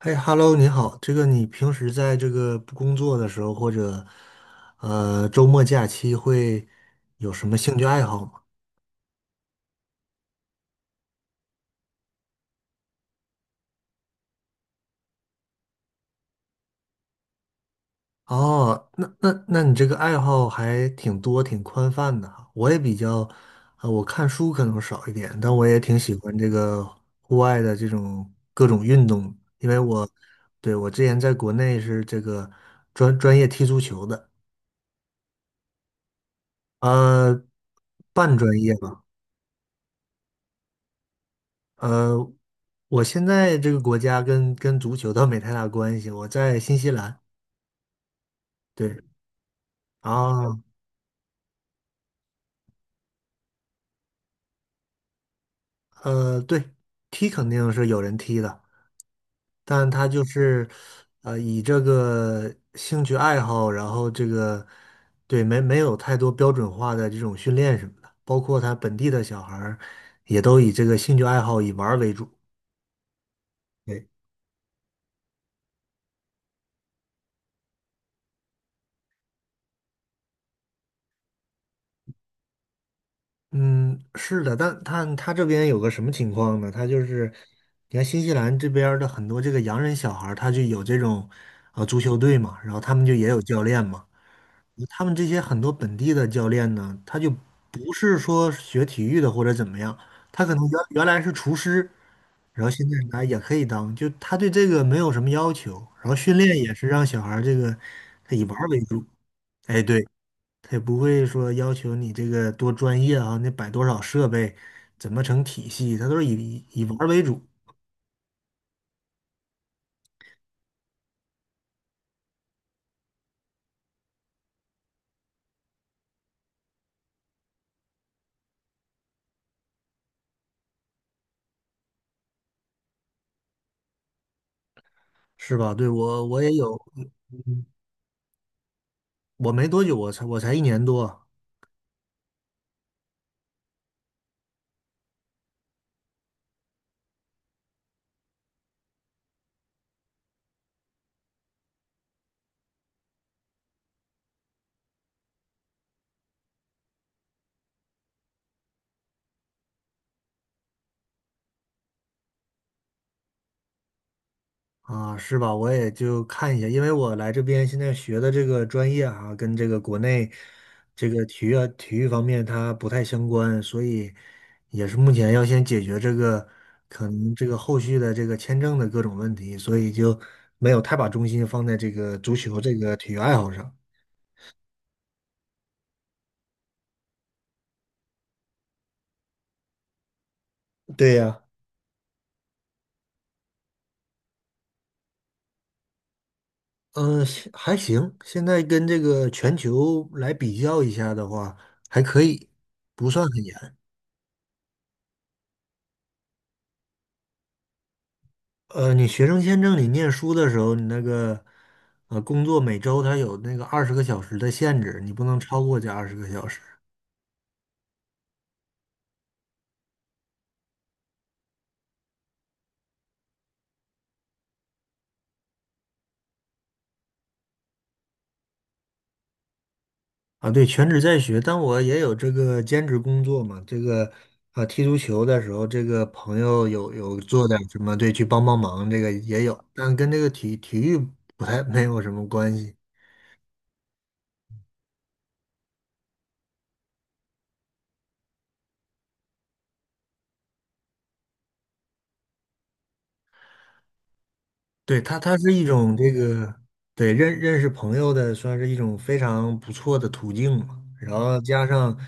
嘿，Hello，你好。这个你平时在这个不工作的时候，或者周末假期，会有什么兴趣爱好吗？哦，那你这个爱好还挺多，挺宽泛的哈。我也比较，我看书可能少一点，但我也挺喜欢这个户外的这种各种运动，因为我，对，我之前在国内是这个专业踢足球的，呃，半专业吧。呃，我现在这个国家跟足球倒没太大关系，我在新西兰。对，啊，对，踢肯定是有人踢的，但他就是以这个兴趣爱好，然后这个，对，没有太多标准化的这种训练什么的，包括他本地的小孩儿也都以这个兴趣爱好以玩儿为主。对。嗯，是的，但他这边有个什么情况呢？他就是，你看新西兰这边儿的很多这个洋人小孩儿他就有这种足球队嘛，然后他们就也有教练嘛。他们这些很多本地的教练呢，他就不是说学体育的或者怎么样，他可能原来是厨师，然后现在来也可以当，就他对这个没有什么要求，然后训练也是让小孩儿这个他以玩儿为主。哎，对。他也不会说要求你这个多专业啊，你摆多少设备，怎么成体系，他都是以玩儿为主，是吧？对，我也有，我没多久，我才一年多，啊，是吧？我也就看一下，因为我来这边现在学的这个专业啊，跟这个国内这个体育方面它不太相关，所以也是目前要先解决这个可能这个后续的这个签证的各种问题，所以就没有太把重心放在这个足球这个体育爱好上。对呀，嗯，现还行，现在跟这个全球来比较一下的话，还可以，不算很严。你学生签证，你念书的时候，你那个工作每周它有那个二十个小时的限制，你不能超过这二十个小时啊。对，全职在学，但我也有这个兼职工作嘛。这个啊，踢足球的时候，这个朋友有做点什么，对，去帮帮忙，这个也有，但跟这个体育不太没有什么关系。对，它是一种这个，对，认识朋友的，算是一种非常不错的途径嘛。然后加上，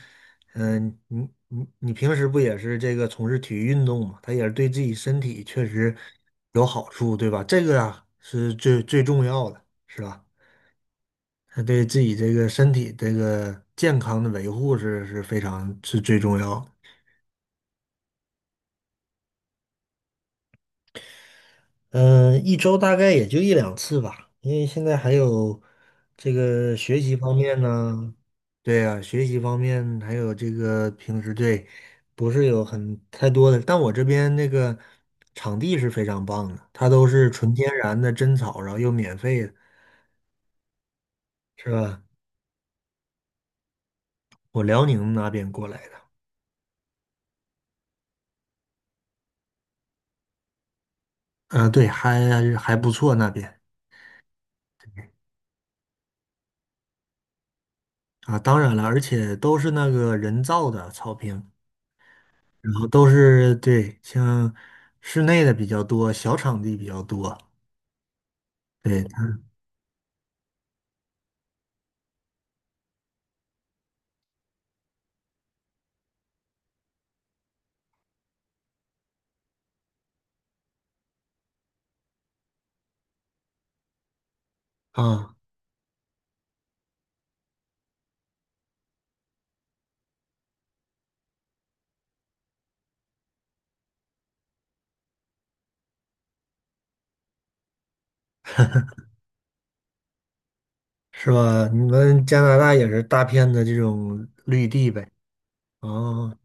嗯，你平时不也是这个从事体育运动嘛？它也是对自己身体确实有好处，对吧？这个啊是最重要的，是吧？它对自己这个身体这个健康的维护是非常是最重要的。嗯，一周大概也就一两次吧，因为现在还有这个学习方面呢，对啊，学习方面还有这个平时对，不是有很太多的，但我这边那个场地是非常棒的，它都是纯天然的真草，然后又免费的，是吧？我辽宁那边过来的，嗯，对，还不错那边啊，当然了，而且都是那个人造的草坪，然后都是对，像室内的比较多，小场地比较多。对啊，是吧？你们加拿大也是大片的这种绿地呗？哦，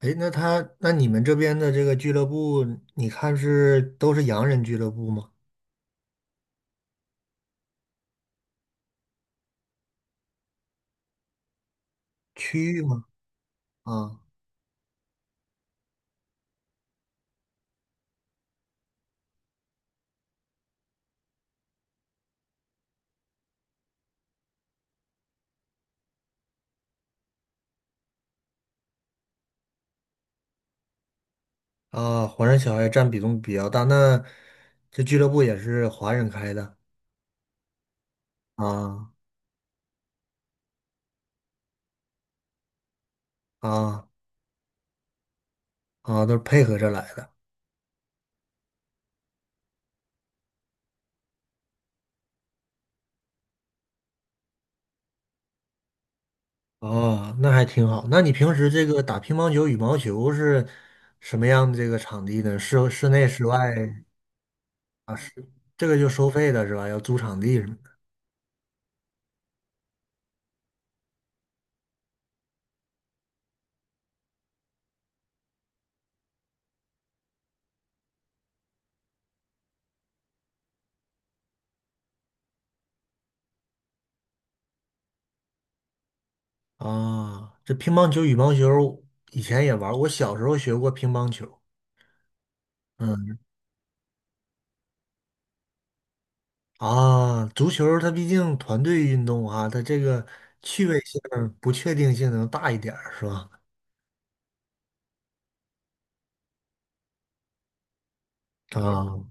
哎，那你们这边的这个俱乐部，你看是都是洋人俱乐部吗？区域吗？啊，啊，华人小孩占比重比较大，那这俱乐部也是华人开的啊，啊，啊，都是配合着来的。哦，那还挺好。那你平时这个打乒乓球、羽毛球是什么样的这个场地呢？室内、室外，这个就收费的是吧？要租场地什么的。啊，这乒乓球、羽毛球以前也玩儿我小时候学过乒乓球。嗯，啊，足球它毕竟团队运动啊，它这个趣味性、不确定性能大一点儿是吧？啊，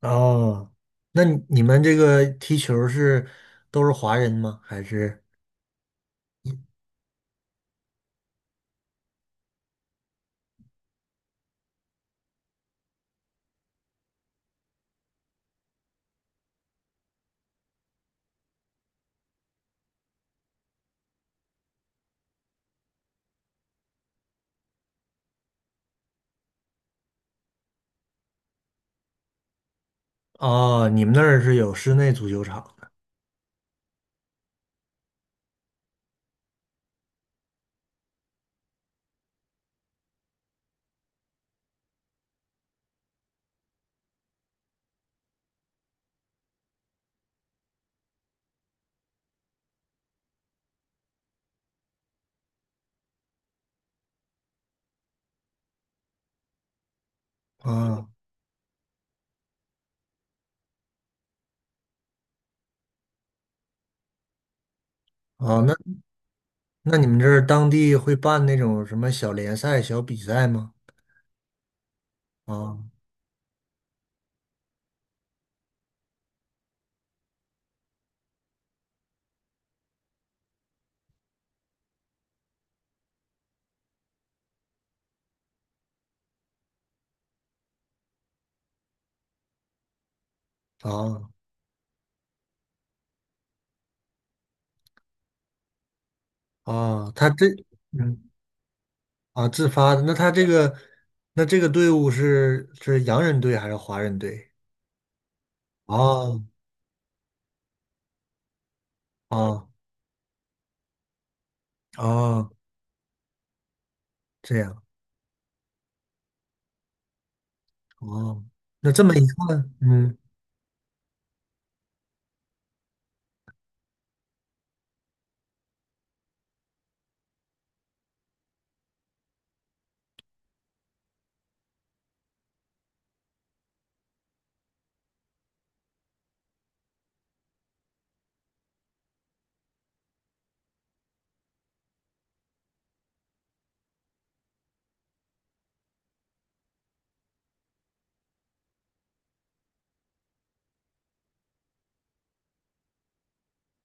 哦，那你们这个踢球是都是华人吗？还是？哦，你们那儿是有室内足球场的啊？哦，那你们这儿当地会办那种什么小联赛、小比赛吗？啊，啊，啊！嗯自发的，那这个队伍是洋人队还是华人队？哦，哦，哦，这样哦，那这么一看，嗯。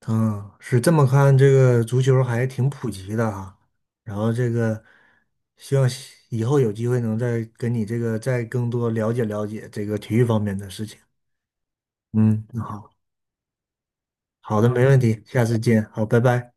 嗯，是这么看，这个足球还挺普及的哈。然后这个，希望西以后有机会能再跟你这个再更多了解了解这个体育方面的事情。嗯，那好，好的，没问题，下次见，好，拜拜。